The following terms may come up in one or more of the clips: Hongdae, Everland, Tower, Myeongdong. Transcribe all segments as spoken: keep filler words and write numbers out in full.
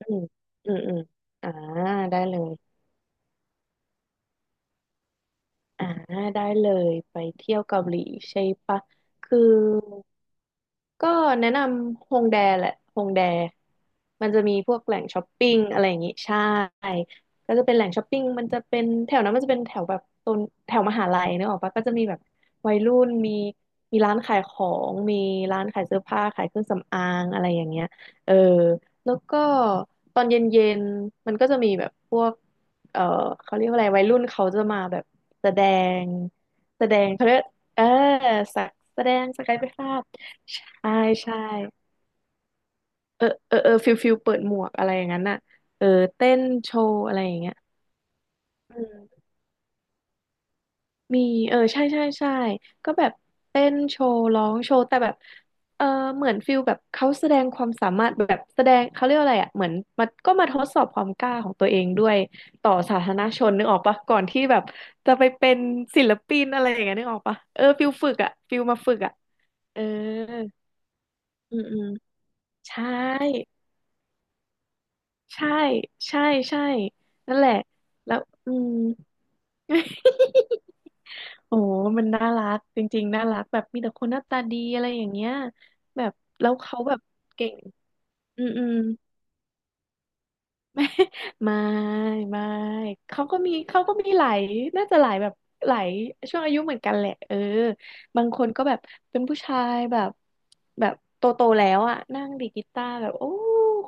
อืมอืมอืมอ่าได้เลยอ่าได้เลยไปเที่ยวเกาหลีใช่ปะคือ ก็แนะนำฮงแดแหละฮงแดมันจะมีพวกแหล่งช้อปปิ้งอะไรอย่างงี้ใช่ก็จะเป็นแหล่งช้อปปิ้งมันจะเป็นแถวนั้นมันจะเป็นแถวแบบตนแถวมหาลัยนึกออกปะก็จะมีแบบวัยรุ่นมีมีร้านขายของมีร้านขายเสื้อผ้าขายเครื่องสำอางอะไรอย่างเงี้ยเออแล้วก็ตอนเย็นๆมันก็จะมีแบบพวกเออเขาเรียกว่าอะไรวัยรุ่นเขาจะมาแบบแสดงแสดงเขาเรียกเออสักแสดงสกายพิภาพ ใช่ใช่เออเออเออฟิลฟิลเปิดหมวกอะไรอย่างนั้นน่ะเออเต้นโชว์อะไรอย่างเงี้ยอืมมีเออใช่ใช่ใช่ก็แบบเต้นโชว์ร้องโชว์แต่แบบเออเหมือนฟิลแบบเขาแสดงความสามารถแบบแสดงเขาเรียกว่าอะไรอ่ะเหมือนมันก็มาทดสอบความกล้าของตัวเองด้วยต่อสาธารณชนนึกออกปะก่อนที่แบบจะไปเป็นศิลปินอะไรอย่างเงี้ยนึกออกปะเออฟิลฝึกอ่ะฟิลมาฝึกอ่ะเอออืมอืมใช่ ใช่ ใช่ ใช่ นั่นแหละ แล้ว อืม โอ้มันน่ารัก จริงๆน่ารัก แบบมีแต่คนหน้าตาดีอะไรอย่างเงี้ยแบบ แล้วเขาแบบเก่ง อืมอืม ไม่ไม่ไม่เขาก็มีเขาก็มีหลายน่าจะหลายแบบหลายช่วงอายุเหมือนกันแหละเออบางคนก็แบบเป็นผู้ชายแบบแบบโตโตแล้วอ่ะนั่งดีดกีตาร์แบบโอ้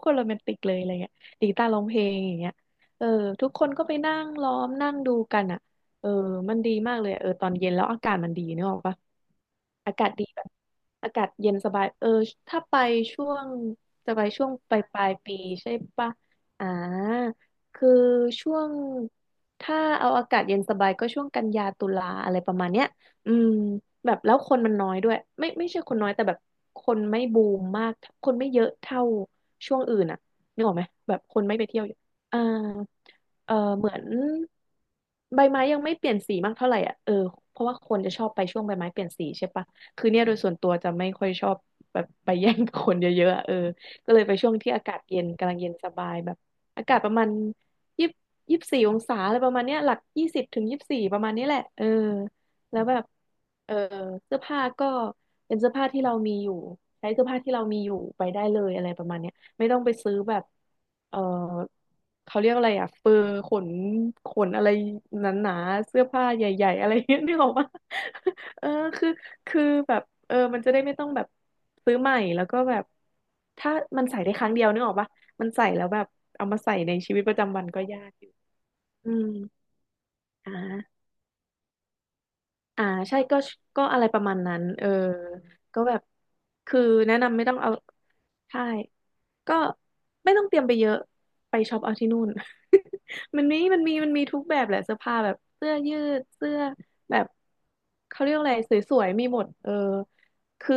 คนโรแมนติกเลยอะไรเงี้ยดีดกีตาร์ร้องเพลงอย่างเงี้ยเออทุกคนก็ไปนั่งล้อมนั่งดูกันอ่ะเออมันดีมากเลยอะเออตอนเย็นแล้วอากาศมันดีนึกออกปะอากาศดีแบบอากาศเย็นสบายเออถ้าไปช่วงจะไปช่วงปลายปลายปีใช่ปะ อ่าคือช่วงถ้าเอาอากาศเย็นสบายก็ช่วงกันยาตุลาอะไรประมาณเนี้ยอืมแบบแล้วคนมันน้อยด้วย ไม่ไม่ใช่คนน้อยแต่แบบคนไม่บูมมากคนไม่เยอะเท่าช่วงอื่นอ่ะนึกออกไหมแบบคนไม่ไปเที่ยวเยอะอ่าเออเหมือนใบไม้ยังไม่เปลี่ยนสีมากเท่าไหร่อ่ะเออเพราะว่าคนจะชอบไปช่วงใบไม้เปลี่ยนสีใช่ปะคือเนี่ยโดยส่วนตัวจะไม่ค่อยชอบแบบไปแย่งกับคนเยอะๆอะเออก็เลยไปช่วงที่อากาศเย็นกำลังเย็นสบายแบบ อากาศประมาณยี่ยี่สิบสี่องศาอะไรประมาณเนี้ยหลักยี่สิบถึงยี่สิบสี่ประมาณนี้แหละเออแล้วแบบเออเสื้อผ้าก็เป็นเสื้อผ้าที่เรามีอยู่ใช้เสื้อผ้าที่เรามีอยู่ไปได้เลยอะไรประมาณเนี้ยไม่ต้องไปซื้อแบบเออเขาเรียกอะไรอ่ะเฟอร์ขนขนอะไรหนาๆเสื้อผ้าใหญ่ๆอะไรเงี้ยนึกออกปะ เออคือคือแบบเออมันจะได้ไม่ต้องแบบซื้อใหม่แล้วก็แบบถ้ามันใส่ได้ครั้งเดียวนึกออกปะ มันใส่แล้วแบบเอามาใส่ในชีวิตประจำวันก็ยากอยู่อืมอ่าอ่าใช่ก็ก็อะไรประมาณนั้นเออก็แบบคือแนะนำไม่ต้องเอาใช่ก็ไม่ต้องเตรียมไปเยอะ ไปช็อปเอาที่นู่น มันมีมันมีมันมีทุกแบบแหละเสื้อผ้าแบบเสื้อยืดเสื้อแบบเขาเรียกอะไรสวยๆมีหมดเออคือ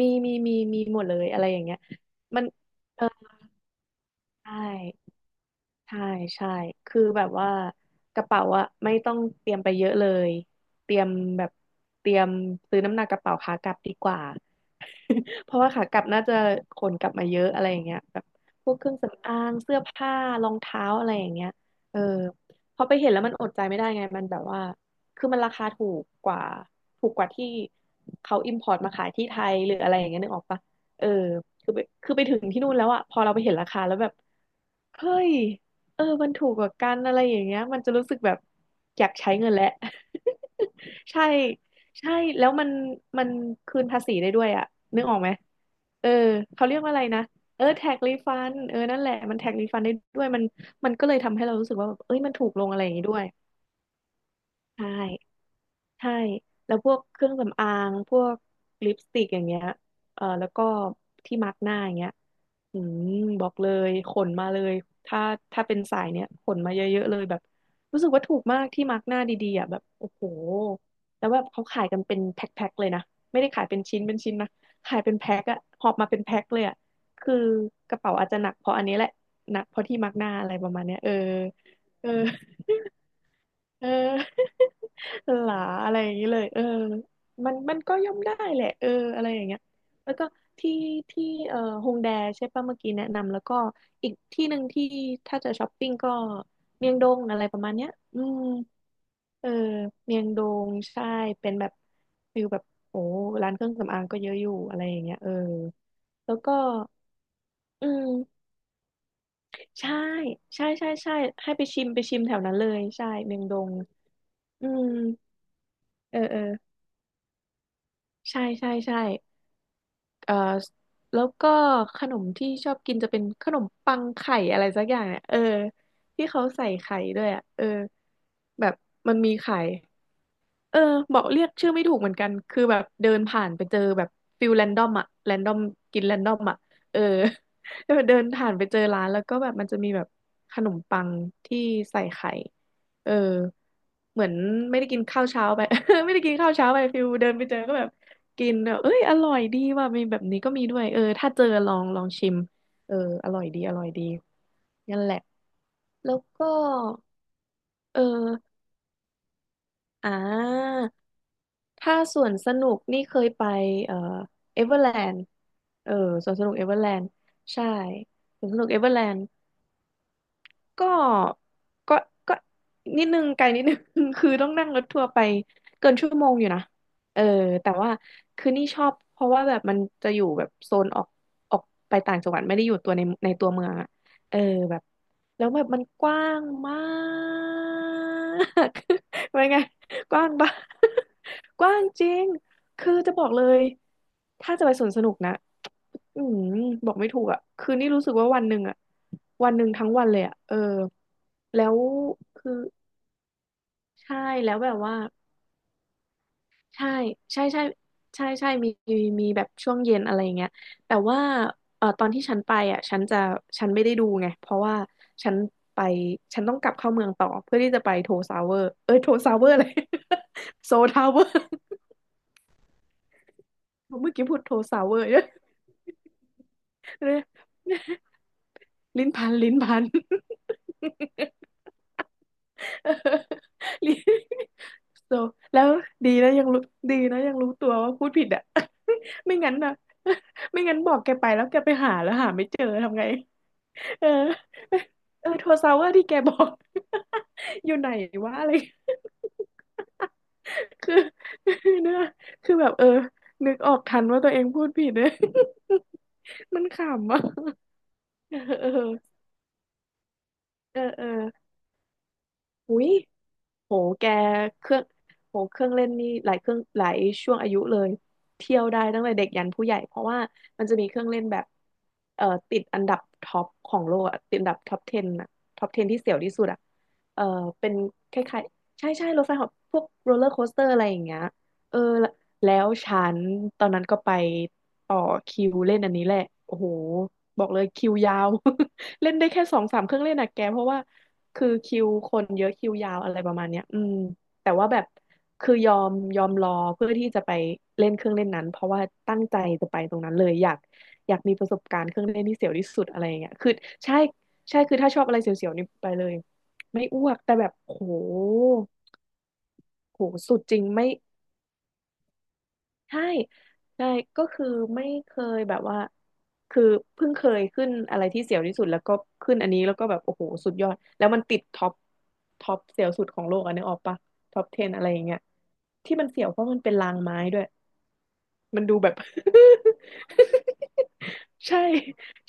มีมี มี มีหมดเลยอะไรอย่างเงี้ยมันเออใช่ ใช่ใช่คือแบบว่ากระเป๋าอะไม่ต้องเตรียมไปเยอะเลยเตรียมแบบเตรียมซื้อน้ำหนักกระเป๋าขากลับดีกว่า เพราะว่าขากลับน่าจะขนกลับมาเยอะอะไรอย่างเงี้ยแบบพวกเครื่องสำอางเสื้อผ้ารองเท้าอะไรอย่างเงี้ยเออพอไปเห็นแล้วมันอดใจไม่ได้ไงมันแบบว่าคือมันราคาถูกกว่าถูกกว่าที่เขาอิมพอร์ตมาขายที่ไทยหรืออะไรอย่างเงี้ยนึกออกปะเออคือไปคือไปถึงที่นู่นแล้วอะพอเราไปเห็นราคาแล้วแบบ เฮ้ย เออมันถูกกว่ากันอะไรอย่างเงี้ยมันจะรู้สึกแบบอยากใช้เงินแหละ ใช่ ใช่ แล้วมันมันคืนภาษีได้ด้วยอะนึกออกไหมเออเขาเรียกว่าอะไรนะเออแท็กรีฟันเออนั่นแหละมันแท็กรีฟันได้ด้วยมันมันก็เลยทำให้เรารู้สึกว่าแบบเอ้ยมันถูกลงอะไรอย่างงี้ด้วยใช่ ใช่แล้วพวกเครื่องสำอางพวกลิปสติกอย่างเงี้ยเออแล้วก็ที่มาร์กหน้าอย่างเงี้ยอืมบอกเลยขนมาเลยถ้าถ้าเป็นสายเนี้ยขนมาเยอะๆเลยแบบรู้สึกว่าถูกมากที่มาร์กหน้าดีๆอ่ะแบบโอ้โหแล้วแบบเขาขายกันเป็นแพ็คๆเลยนะไม่ได้ขายเป็นชิ้นเป็นชิ้นนะขายเป็นแพ็คอะหอบมาเป็นแพ็คเลยอะคือกระเป๋าอาจจะหนักเพราะอันนี้แหละหนักเพราะที่มาร์กหน้าอะไรประมาณเนี้ยเออเออ เออ หลาอะไรอย่างนี้เลยเออมันมันก็ย่อมได้แหละเอออะไรอย่างเงี้ยแล้วก็ที่ที่เอ่อฮงแดใช่ป่ะเมื่อกี้แนะนำแล้วก็อีกที่หนึ่งที่ถ้าจะช้อปปิ้งก็เมียงดงอะไรประมาณเนี้ยอืมเออเมียงดงใช่เป็นแบบฟิลแบบโอ้ร้านเครื่องสำอางก็เยอะอยู่อะไรอย่างเงี้ยเออแล้วก็อืมใช่ใช่ใช่ใช่ให้ไปชิมไปชิมแถวนั้นเลยใช่เมียงดงอืมเออเออ ใช่ใช่ใช่เอ่อแล้วก็ขนมที่ชอบกินจะเป็นขนมปังไข่อะไรสักอย่างเนี่ยเออ ที่เขาใส่ไข่ด้วยอ่ะเออ แบบมันมีไข่ เออบอกเรียกชื่อไม่ถูกเหมือนกันคือแบบเดินผ่านไปเจอแบบฟิลแรนดอมอะแรนดอมกินแรนดอมอะเออ แล้วเดินผ่านไปเจอร้านแล้วก็แบบมันจะมีแบบขนมปังที่ใส่ไข่เออเหมือนไม่ได้กินข้าวเช้าไป ไม่ได้กินข้าวเช้าไปฟิลเดินไปเจอก็แบบกินแบบเอ้ยอร่อยดีว่ะมีแบบนี้ก็มีด้วยเออถ้าเจอลองลองชิมเอออร่อยดีอร่อยดีนั่นแหละแล้วก็เอออ่า ถ้าสวนสนุกนี่เคยไปเอ่อเอเวอร์แลนด์เออสวนสนุกเอเวอร์แลนด์ใช่สวนสนุกเอเวอร์แลนด์ก็ก็ก็นิดนึงไกลนิดนึง คือต้องนั่งรถทัวร์ไปเกินชั่วโมงอยู่นะเออแต่ว่าคือนี่ชอบเพราะว่าแบบมันจะอยู่แบบโซนออกออกไปต่างจังหวัดไม่ได้อยู่ตัวในในตัวเมืองอะเออแบบแล้วแบบมันกว้างมาก ว่าไงกว้างบ้าก กว้างจริง คือจะบอกเลยถ้าจะไปสวนสนุกนะอืมบอกไม่ถูกอ่ะคือนี่รู้สึกว่าวันหนึ่งอ่ะวันหนึ่งทั้งวันเลยอ่ะเออแล้วคือใช่แล้วแบบว่าใช่ใช่ใช่ใช่ใช่มีมีมีแบบช่วงเย็นอะไรอย่างเงี้ยแต่ว่าเออตอนที่ฉันไปอ่ะฉันจะฉันไม่ได้ดูไงเพราะว่าฉันไปฉันต้องกลับเข้าเมืองต่อเพื่อที่จะไปโทซาวเวอร์เอ้ยโทซาวเวอร์เลย โซทาวเวอร์เมื่อกี้พูดโทรซาวเวอร์เนี่ย ลิ้นพัน ลิ้นพัน ลิ้น so แล้วดีแล้วยังรู้ดีนะยังรู้ตัวว่าพูดผิดอ่ะ ไม่งั้นนะ ไม่งั้นบอกแกไปแล้วแกไปหาแล้วหาไม่เจอทำไง เออเออโทรซาวเวอร์ที่แกบอก อยู่ไหนวะอะไร คือ เนื้อคือแบบเออนึกออกทันว่าตัวเองพูดผิดเลย มันขำอ่ะ เออเออเออเอออุ้ย โหแกเครื่องโหเครื่องเล่นนี่หลายเครื่องหลายช่วงอายุเลยเที่ยวได้ตั้งแต่เด็กยันผู้ใหญ่เพราะว่ามันจะมีเครื่องเล่นแบบเอ่อติดอันดับท็อปของโลกอะติดอันดับท็อปสิบอะท็อปสิบที่เสียวที่สุดอะเอ่อเป็นคล้ายๆใช่ใช่รถไฟเหอบพวกโรลเลอร์โคสเตอร์อะไรอย่างเงี้ยเออแล้วฉันตอนนั้นก็ไปต่อคิวเล่นอันนี้แหละโอ้โหบอกเลยคิวยาว เล่นได้แค่สองสามเครื่องเล่นอะแกเพราะว่า คือคิวคนเยอะคิวยาวอะไรประมาณเนี้ยอืมแต่ว่าแบบคือยอมยอมรอเพื่อที่จะไปเล่นเครื่องเล่นนั้นเพราะว่าตั้งใจจะไปตรงนั้นเลยอยากอยากมีประสบการณ์เครื่องเล่นที่เสียวที่สุดอะไรอย่างเงี้ยคือใช่ใช่คือถ้าชอบอะไรเสียวๆนี่ไปเลยไม่อ้วกแต่แบบโหโหสุดจริงไม่ ใช่ใช่ก็คือไม่เคยแบบว่าคือเพิ่งเคยขึ้นอะไรที่เสียวที่สุดแล้วก็ขึ้นอันนี้แล้วก็แบบโอ้โหสุดยอดแล้วมันติดท็อปท็อปเสียวสุดของโลกอันนี้ออกปะท็อปสิบอะไรอย่างเงี้ยที่มันเสียวเพราะมันเป็นรางไม้ด้วยมันดูแบบ ใช่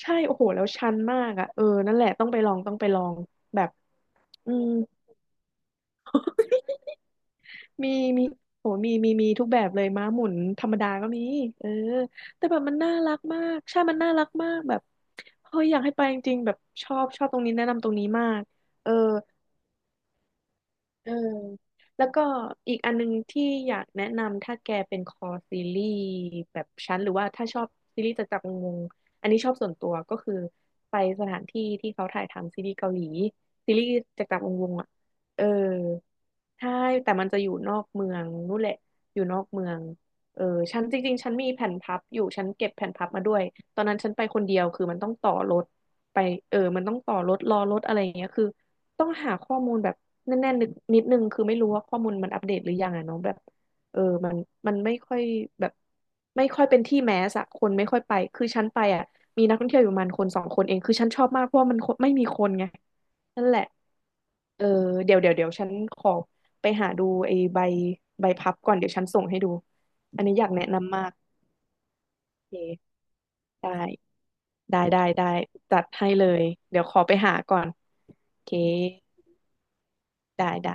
ใช่โอ้โหแล้วชันมากอ่ะเออนั่นแหละต้องไปลองต้องไปลองแบบอืม มีมีโอ้มีมีมีทุกแบบเลยม้าหมุนธรรมดาก็มีเออแต่แบบมันน่ารักมากใช่มันน่ารักมากแบบเฮ้ยอยากให้ไปจริงๆแบบชอบชอบตรงนี้แนะนำตรงนี้มากเออ เออแล้วก็อีกอันนึงที่อยากแนะนำถ้าแกเป็นคอซีรีส์แบบฉันหรือว่าถ้าชอบซีรีส์จากจักรวงศ์อันนี้ชอบส่วนตัวก็คือไปสถานที่ที่เขาถ่ายทำซีรีส์เกาหลีซีรีส์จากจักรวงศ์อ่ะเออใช่แต่มันจะอยู่นอกเมืองนู่นแหละอยู่นอกเมืองเออฉันจริงๆฉันมีแผ่นพับอยู่ฉันเก็บแผ่นพับมาด้วยตอนนั้นฉันไปคนเดียวคือมันต้องต่อรถไปเออมันต้องต่อรถรอรถอะไรอย่างเงี้ยคือ ต้องหาข้อมูลแบบแน่นๆนิดนิดนึงคือไม่รู้ว่าข้อมูลมันอัปเดตหรือยังอะเนาะแบบเออมันมันไม่ค่อยแบบไม่ค่อยเป็นที่แมสอะคนไม่ค่อยไปคือฉันไปอะมีนักท่องเที่ยวอยู่ประมาณคนสองคนเองนั่นแหละเออเดี๋ยวเดี๋ยวเดี๋ยวฉันขอไปหาดูไอ้ใบใบพับก่อนเดี๋ยวฉันส่งให้ดูอันนี้อยากแนะนำมากโอเคได้ได้ได้ได้จัดให้เลยเดี๋ยวขอไปหาก่อนโอเคได้ได้